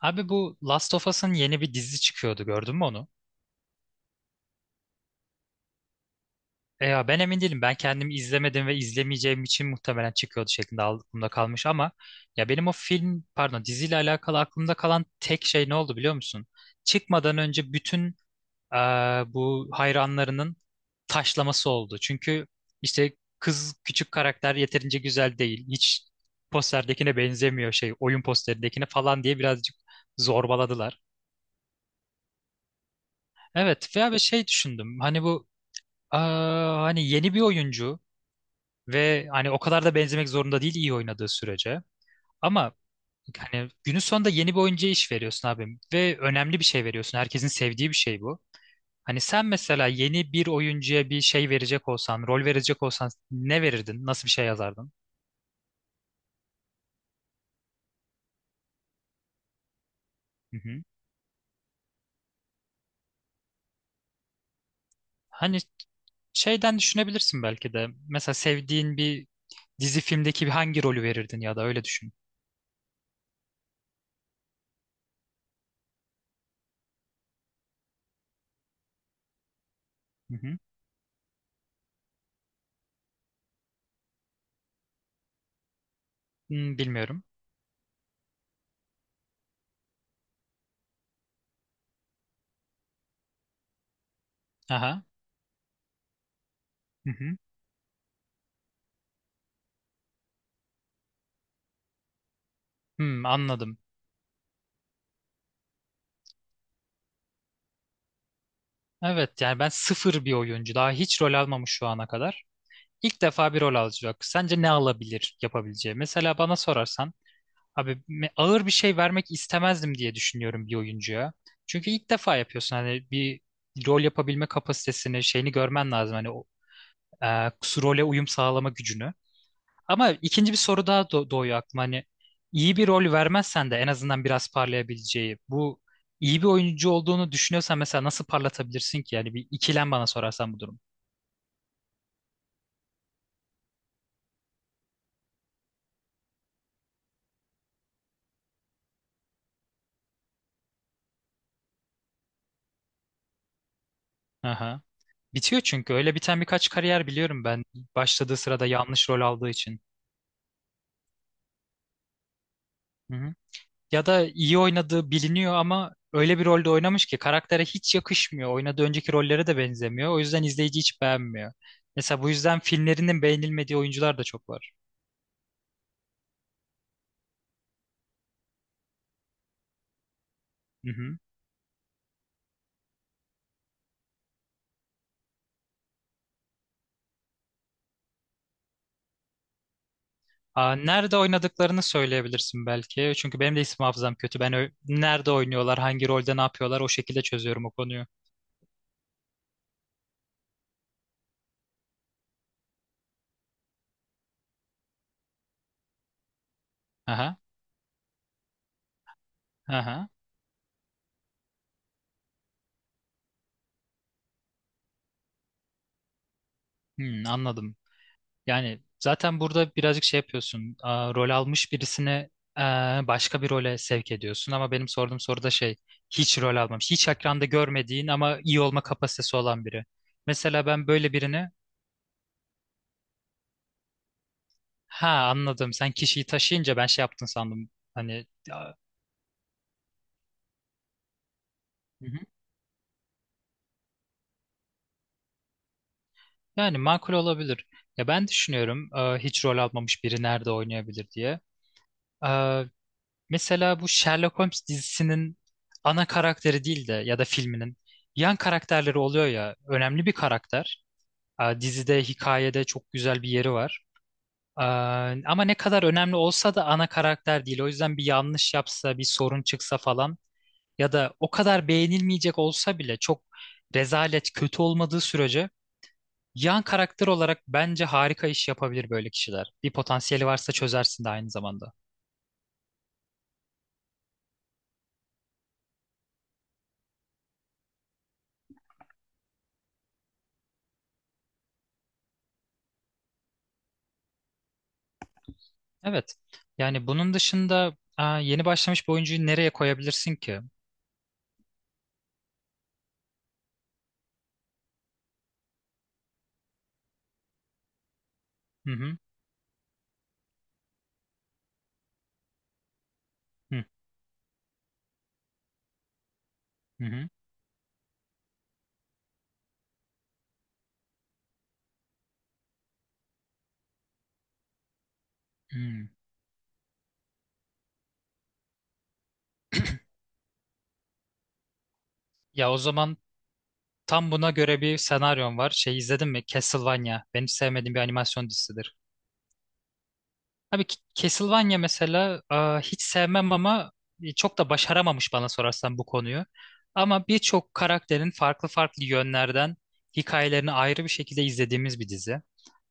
Abi bu Last of Us'ın yeni bir dizi çıkıyordu, gördün mü onu? E ya, ben emin değilim. Ben kendim izlemedim ve izlemeyeceğim için muhtemelen çıkıyordu şeklinde aklımda kalmış ama ya benim o film, pardon, diziyle alakalı aklımda kalan tek şey ne oldu biliyor musun? Çıkmadan önce bütün e, bu hayranlarının taşlaması oldu. Çünkü işte kız küçük karakter yeterince güzel değil. Hiç posterdekine benzemiyor, şey, oyun posterindekine falan diye birazcık zorbaladılar. Evet, veya bir şey düşündüm. Hani bu... Aa, hani yeni bir oyuncu ve hani o kadar da benzemek zorunda değil, iyi oynadığı sürece. Ama hani günün sonunda yeni bir oyuncuya iş veriyorsun abi ve önemli bir şey veriyorsun. Herkesin sevdiği bir şey bu. Hani sen mesela yeni bir oyuncuya bir şey verecek olsan, rol verecek olsan ne verirdin? Nasıl bir şey yazardın? Hı hı. Hani şeyden düşünebilirsin belki de. Mesela sevdiğin bir dizi filmdeki bir hangi rolü verirdin, ya da öyle düşün. Hı hı. Hmm, bilmiyorum. Aha. Hı hı. Hmm, anladım. Evet, yani ben sıfır bir oyuncu. Daha hiç rol almamış şu ana kadar. İlk defa bir rol alacak. Sence ne alabilir yapabileceği? Mesela bana sorarsan abi, ağır bir şey vermek istemezdim diye düşünüyorum bir oyuncuya. Çünkü ilk defa yapıyorsun, hani bir rol yapabilme kapasitesini, şeyini görmen lazım. Hani o, e, role uyum sağlama gücünü. Ama ikinci bir soru daha doğuyor aklıma. Hani iyi bir rol vermezsen de en azından biraz parlayabileceği. Bu iyi bir oyuncu olduğunu düşünüyorsan mesela nasıl parlatabilirsin ki? Yani bir ikilem bana sorarsan bu durum. Aha. Bitiyor çünkü. Öyle biten birkaç kariyer biliyorum ben. Başladığı sırada yanlış rol aldığı için. Hı hı. Ya da iyi oynadığı biliniyor ama öyle bir rolde oynamış ki karaktere hiç yakışmıyor. Oynadığı önceki rollere de benzemiyor. O yüzden izleyici hiç beğenmiyor. Mesela bu yüzden filmlerinin beğenilmediği oyuncular da çok var. Hı hı. Aa, nerede oynadıklarını söyleyebilirsin belki. Çünkü benim de isim hafızam kötü. Ben nerede oynuyorlar, hangi rolde ne yapıyorlar, o şekilde çözüyorum o konuyu. Aha, aha. Hmm, anladım. Yani zaten burada birazcık şey yapıyorsun. Aa, rol almış birisini başka bir role sevk ediyorsun. Ama benim sorduğum soruda şey, hiç rol almamış, hiç ekranda görmediğin ama iyi olma kapasitesi olan biri. Mesela ben böyle birini, ha, anladım. Sen kişiyi taşıyınca ben şey yaptın sandım. Hani... Yani makul olabilir. Ya ben düşünüyorum, hiç rol almamış biri nerede oynayabilir diye. E, mesela bu Sherlock Holmes dizisinin ana karakteri değil de, ya da filminin yan karakterleri oluyor ya, önemli bir karakter. E, dizide, hikayede çok güzel bir yeri var. E, ama ne kadar önemli olsa da ana karakter değil. O yüzden bir yanlış yapsa, bir sorun çıksa falan ya da o kadar beğenilmeyecek olsa bile, çok rezalet, kötü olmadığı sürece yan karakter olarak bence harika iş yapabilir böyle kişiler. Bir potansiyeli varsa çözersin de aynı zamanda. Evet. Yani bunun dışında, aa, yeni başlamış bir oyuncuyu nereye koyabilirsin ki? Hı hı. Hı hı. Hı. Hmm. Ya o zaman tam buna göre bir senaryon var. Şey, izledin mi? Castlevania. Benim sevmediğim bir animasyon dizisidir. Abi, Castlevania mesela, hiç sevmem ama çok da başaramamış bana sorarsan bu konuyu. Ama birçok karakterin farklı farklı yönlerden hikayelerini ayrı bir şekilde izlediğimiz bir dizi.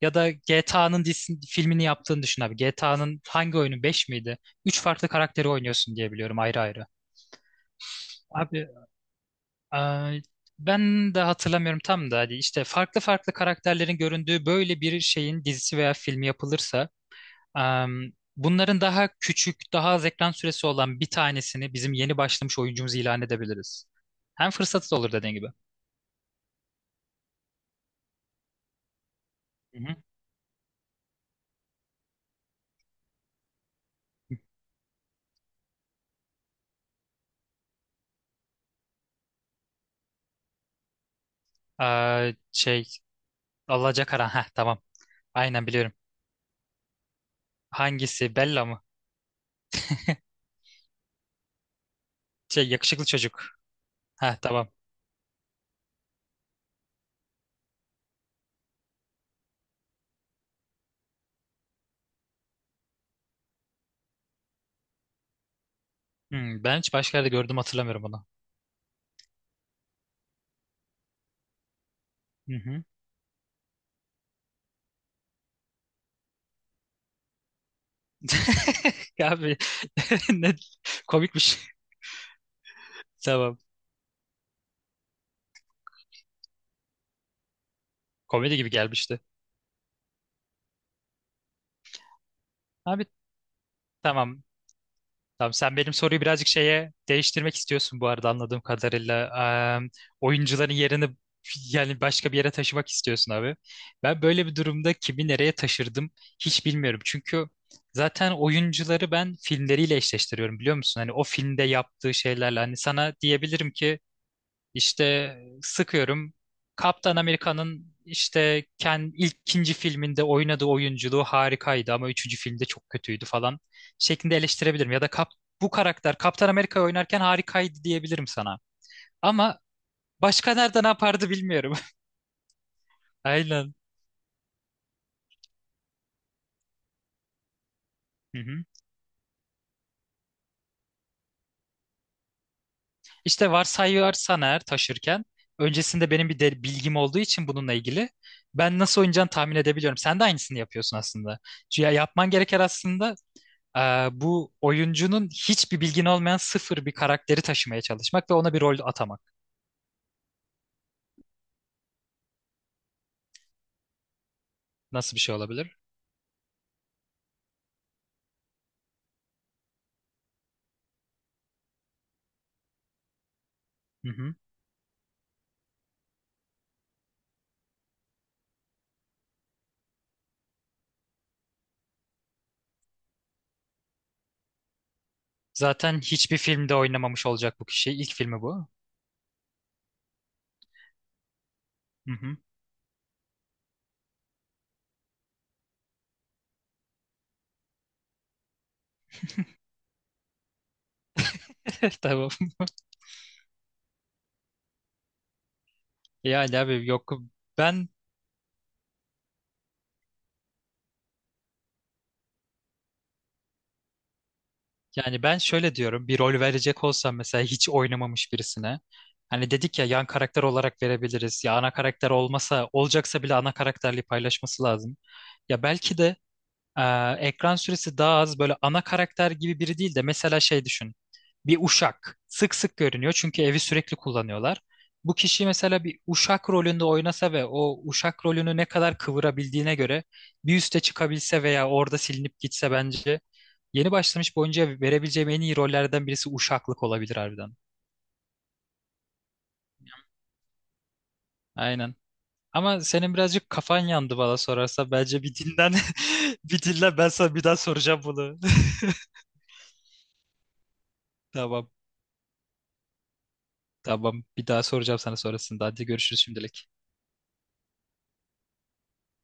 Ya da GTA'nın filmini yaptığını düşün abi. GTA'nın hangi oyunu 5 miydi? Üç farklı karakteri oynuyorsun diye biliyorum, ayrı ayrı. Abi, e, ben de hatırlamıyorum tam da. Hadi işte, farklı farklı karakterlerin göründüğü böyle bir şeyin dizisi veya filmi yapılırsa, bunların daha küçük, daha az ekran süresi olan bir tanesini bizim yeni başlamış oyuncumuzu ilan edebiliriz. Hem fırsatı da olur dediğin gibi. Hı hı. Şey, Alacakaran. Heh, tamam. Aynen, biliyorum. Hangisi? Bella mı? Şey, yakışıklı çocuk. Heh, tamam. Hmm, ben hiç başka yerde gördüm hatırlamıyorum onu. Hı hı. Ya abi, ne komikmiş. Tamam. Komedi gibi gelmişti. Abi, tamam. Tamam, sen benim soruyu birazcık şeye değiştirmek istiyorsun bu arada anladığım kadarıyla. Eee, oyuncuların yerini yani başka bir yere taşımak istiyorsun abi. Ben böyle bir durumda kimi nereye taşırdım hiç bilmiyorum. Çünkü zaten oyuncuları ben filmleriyle eşleştiriyorum biliyor musun? Hani o filmde yaptığı şeylerle hani sana diyebilirim ki işte sıkıyorum. Kaptan Amerika'nın işte kendi ilk ikinci filminde oynadığı oyunculuğu harikaydı ama üçüncü filmde çok kötüydü falan şeklinde eleştirebilirim. Ya da bu karakter Kaptan Amerika oynarken harikaydı diyebilirim sana. Ama başka nerede ne yapardı bilmiyorum. Aynen. Hı hı. İşte varsayarsan eğer taşırken öncesinde benim bir de bilgim olduğu için bununla ilgili ben nasıl oynayacağını tahmin edebiliyorum. Sen de aynısını yapıyorsun aslında. Ya yapman gereken aslında, bu oyuncunun hiçbir bilgin olmayan sıfır bir karakteri taşımaya çalışmak ve ona bir rol atamak. Nasıl bir şey olabilir? Hı hı. Zaten hiçbir filmde oynamamış olacak bu kişi. İlk filmi bu. Hı hı. Tamam. Yani abi yok, ben yani ben şöyle diyorum, bir rol verecek olsam mesela hiç oynamamış birisine, hani dedik ya yan karakter olarak verebiliriz, ya ana karakter olmasa olacaksa bile ana karakterliği paylaşması lazım. Ya belki de Ee, ekran süresi daha az, böyle ana karakter gibi biri değil de mesela şey düşün. Bir uşak sık sık görünüyor çünkü evi sürekli kullanıyorlar. Bu kişi mesela bir uşak rolünde oynasa ve o uşak rolünü ne kadar kıvırabildiğine göre bir üste çıkabilse veya orada silinip gitse, bence yeni başlamış bir oyuncuya verebileceğim en iyi rollerden birisi uşaklık olabilir harbiden. Aynen. Ama senin birazcık kafan yandı bana sorarsa, bence bir dinlen. Bir dinlen, ben sana bir daha soracağım bunu. Tamam. Tamam. Bir daha soracağım sana sonrasında. Hadi, görüşürüz şimdilik.